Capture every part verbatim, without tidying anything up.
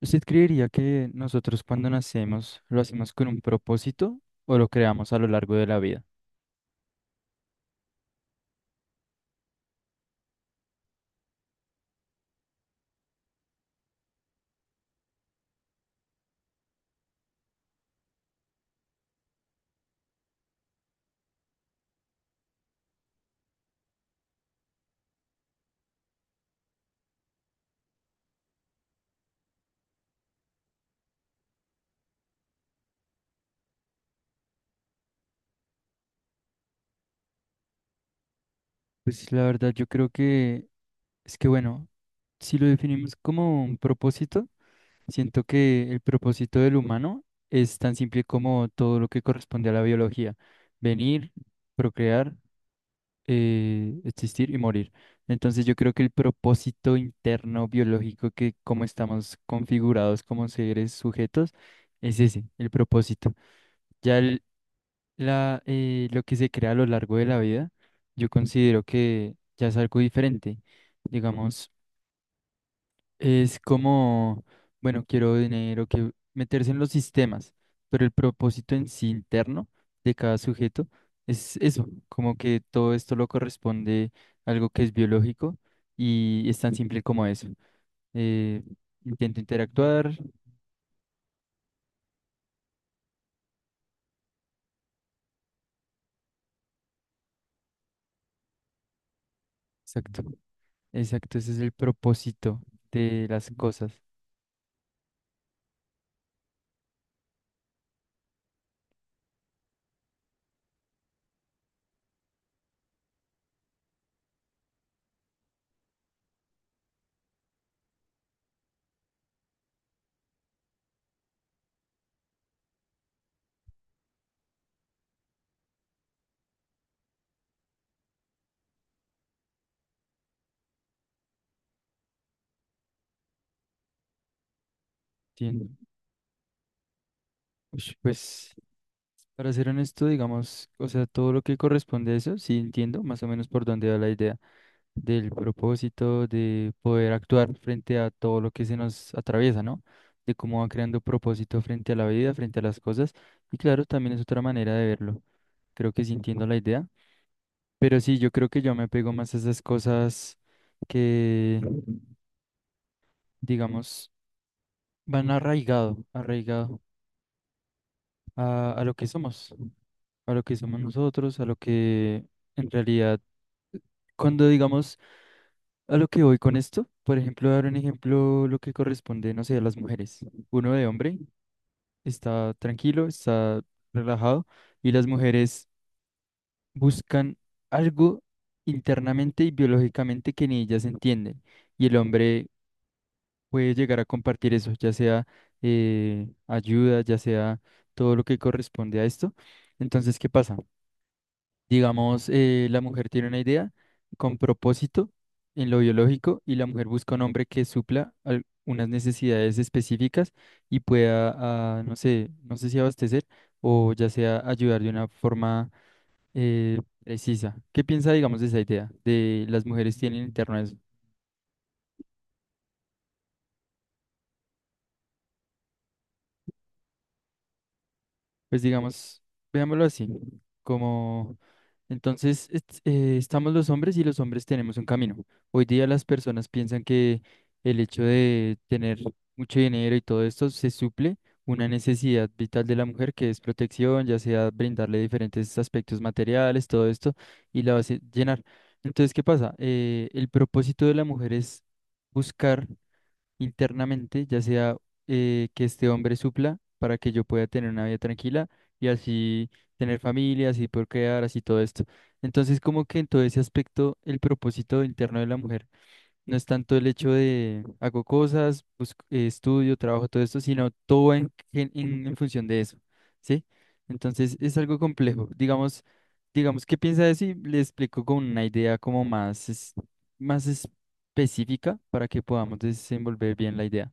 ¿Usted creería que nosotros cuando nacemos lo hacemos con un propósito o lo creamos a lo largo de la vida? Pues la verdad yo creo que es que bueno, si lo definimos como un propósito, siento que el propósito del humano es tan simple como todo lo que corresponde a la biología, venir, procrear, eh, existir y morir. Entonces yo creo que el propósito interno biológico que como estamos configurados como seres sujetos es ese, el propósito. Ya el- la, eh, lo que se crea a lo largo de la vida, yo considero que ya es algo diferente. Digamos, es como, bueno, quiero dinero, que meterse en los sistemas, pero el propósito en sí interno de cada sujeto es eso, como que todo esto lo corresponde a algo que es biológico y es tan simple como eso. Eh, intento interactuar, exacto, exacto, ese es el propósito de las cosas. ¿Sí? Ush, pues, para ser honesto, digamos, o sea, todo lo que corresponde a eso, sí entiendo más o menos por dónde va la idea del propósito, de poder actuar frente a todo lo que se nos atraviesa, ¿no? De cómo va creando propósito frente a la vida, frente a las cosas. Y claro, también es otra manera de verlo. Creo que sí entiendo la idea. Pero sí, yo creo que yo me apego más a esas cosas que, digamos, van arraigado, arraigado a, a lo que somos. A lo que somos nosotros, a lo que en realidad, cuando digamos a lo que voy con esto, por ejemplo, dar un ejemplo, lo que corresponde, no sé, a las mujeres. Uno de hombre está tranquilo, está relajado, y las mujeres buscan algo internamente y biológicamente que ni ellas entienden. Y el hombre puede llegar a compartir eso, ya sea eh, ayuda, ya sea todo lo que corresponde a esto. Entonces, ¿qué pasa? Digamos, eh, la mujer tiene una idea con propósito en lo biológico y la mujer busca un hombre que supla al- unas necesidades específicas y pueda, ah, no sé, no sé si abastecer o ya sea ayudar de una forma eh, precisa. ¿Qué piensa, digamos, de esa idea? ¿De las mujeres tienen interno a eso? Pues digamos, veámoslo así, como entonces est- eh, estamos los hombres y los hombres tenemos un camino. Hoy día las personas piensan que el hecho de tener mucho dinero y todo esto se suple una necesidad vital de la mujer que es protección, ya sea brindarle diferentes aspectos materiales, todo esto, y la hace llenar. Entonces, ¿qué pasa? Eh, el propósito de la mujer es buscar internamente, ya sea eh, que este hombre supla para que yo pueda tener una vida tranquila y así tener familia, así poder crear, así todo esto. Entonces, como que en todo ese aspecto, el propósito interno de la mujer. No es tanto el hecho de hago cosas, busco- eh, estudio, trabajo, todo esto, sino todo en, gen- en, en función de eso, ¿sí? Entonces es algo complejo. Digamos, digamos, ¿qué piensa de eso? Y le explico con una idea como más, es- más específica para que podamos desenvolver bien la idea.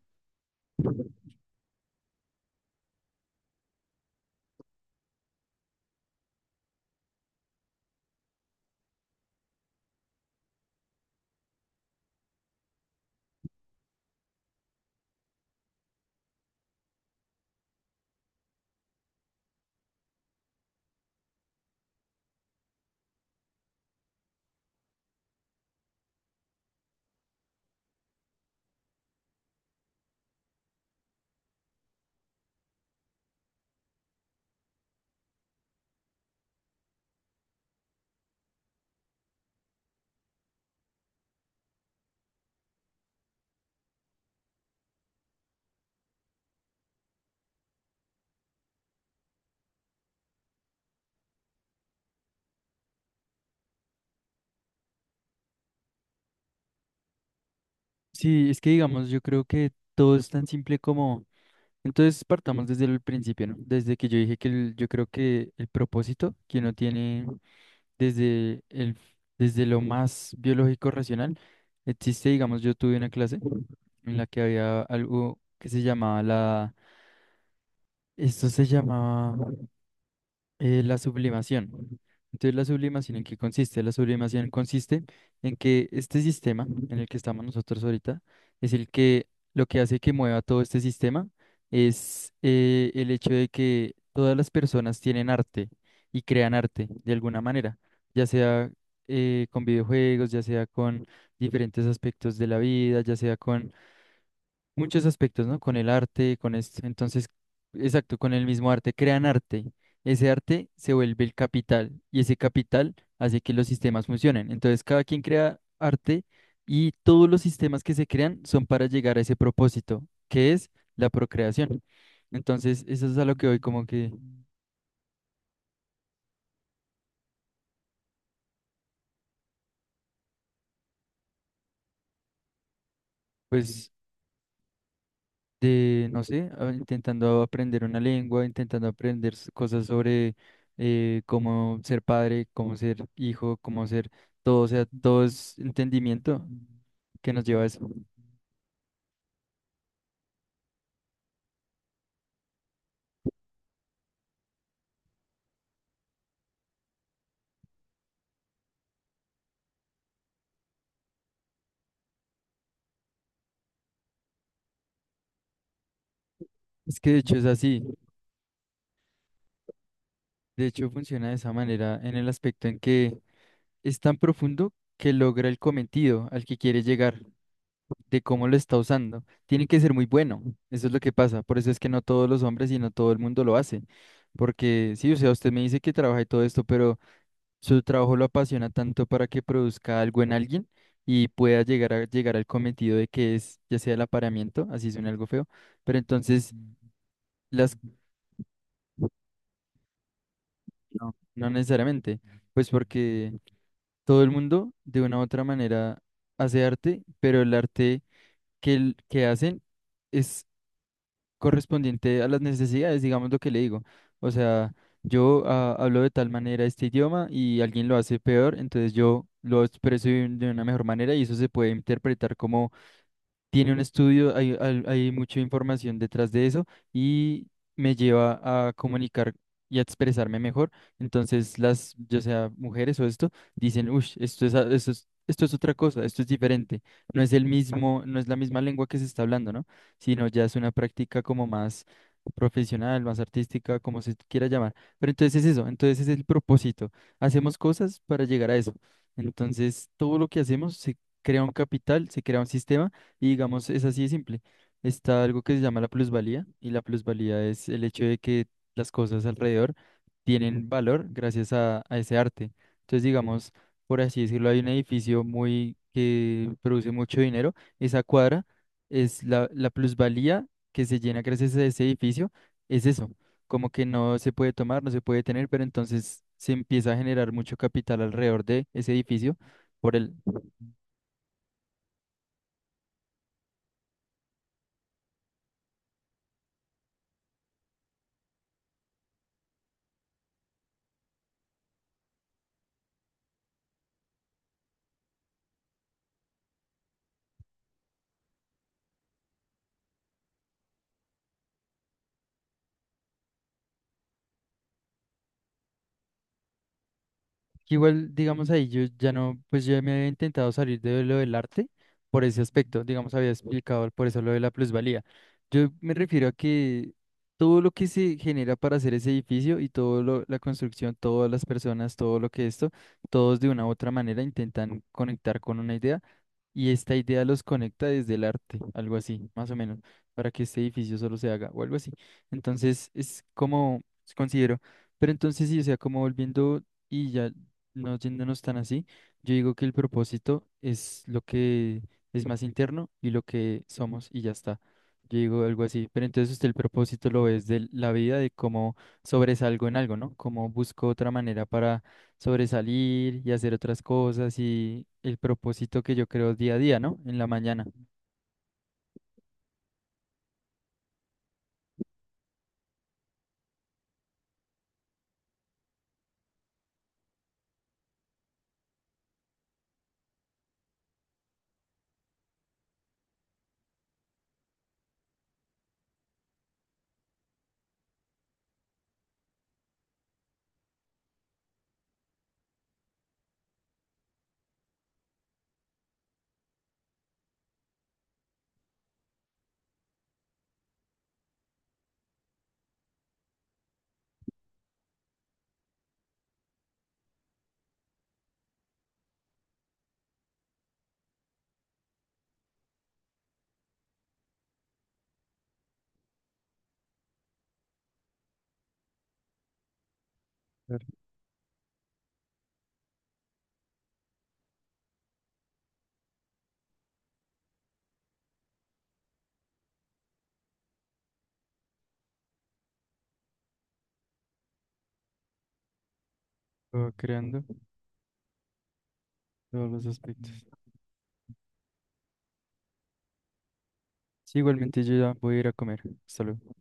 Sí, es que digamos, yo creo que todo es tan simple como... Entonces partamos desde el principio, ¿no? Desde que yo dije que el- yo creo que el propósito que uno tiene desde el, desde lo más biológico racional existe, digamos, yo tuve una clase en la que había algo que se llamaba la, esto se llamaba eh, la sublimación. Entonces, ¿la sublimación en qué consiste? La sublimación consiste en que este sistema en el que estamos nosotros ahorita es el que lo que hace que mueva todo este sistema es eh, el hecho de que todas las personas tienen arte y crean arte de alguna manera, ya sea eh, con videojuegos, ya sea con diferentes aspectos de la vida, ya sea con muchos aspectos, ¿no? Con el arte, con esto. Entonces, exacto, con el mismo arte, crean arte. Ese arte se vuelve el capital y ese capital hace que los sistemas funcionen. Entonces, cada quien crea arte y todos los sistemas que se crean son para llegar a ese propósito, que es la procreación. Entonces, eso es a lo que hoy como que, pues... De, no sé, a- intentando aprender una lengua, intentando aprender s- cosas sobre eh, cómo ser padre, cómo ser hijo, cómo ser todo, o sea, todo es entendimiento que nos lleva a eso. Es que de hecho es así, de hecho funciona de esa manera en el aspecto en que es tan profundo que logra el cometido al que quiere llegar, de cómo lo está usando. Tiene que ser muy bueno, eso es lo que pasa, por eso es que no todos los hombres y no todo el mundo lo hace. Porque sí, o sea, usted me dice que trabaja y todo esto, pero su trabajo lo apasiona tanto para que produzca algo en alguien y pueda llegar a llegar al cometido de que es, ya sea el apareamiento, así suena algo feo, pero entonces las no, no necesariamente, pues porque todo el mundo de una u otra manera hace arte, pero el arte que, el- que hacen es correspondiente a las necesidades, digamos lo que le digo. O sea, yo ah, hablo de tal manera este idioma y alguien lo hace peor, entonces yo lo expreso de un- de una mejor manera y eso se puede interpretar como tiene un estudio, hay, hay- hay mucha información detrás de eso y me lleva a comunicar y a expresarme mejor. Entonces, las, ya sea mujeres o esto, dicen, uff, esto es, a- esto es, esto es otra cosa, esto es diferente. No es el mismo, no es la misma lengua que se está hablando, ¿no? Sino ya es una práctica como más profesional, más artística, como se quiera llamar. Pero entonces es eso, entonces es el propósito. Hacemos cosas para llegar a eso. Entonces, todo lo que hacemos se crea un capital, se crea un sistema y digamos, es así de simple. Está algo que se llama la plusvalía y la plusvalía es el hecho de que las cosas alrededor tienen valor gracias a, a ese arte. Entonces, digamos, por así decirlo, hay un edificio muy que produce mucho dinero. Esa cuadra es la, la plusvalía que se llena gracias a ese edificio. Es eso, como que no se puede tomar, no se puede tener, pero entonces se empieza a generar mucho capital alrededor de ese edificio por el... Igual, digamos ahí, yo ya no, pues yo me había intentado salir de lo del arte por ese aspecto, digamos, había explicado por eso lo de la plusvalía. Yo me refiero a que todo lo que se genera para hacer ese edificio y todo lo, la construcción, todas las personas, todo lo que esto, todos de una u otra manera intentan conectar con una idea y esta idea los conecta desde el arte, algo así, más o menos, para que este edificio solo se haga o algo así. Entonces, es como considero. Pero entonces sí, o sea, como volviendo... Y ya no yéndonos tan así, yo digo que el propósito es lo que es más interno y lo que somos y ya está. Yo digo algo así, pero entonces usted el propósito lo es de la vida, de cómo sobresalgo en algo, ¿no? Cómo busco otra manera para sobresalir y hacer otras cosas y el propósito que yo creo día a día, ¿no? En la mañana. Claro, lo creando todos los aspectos. Sí, igualmente yo ya voy a ir a comer. Hasta luego.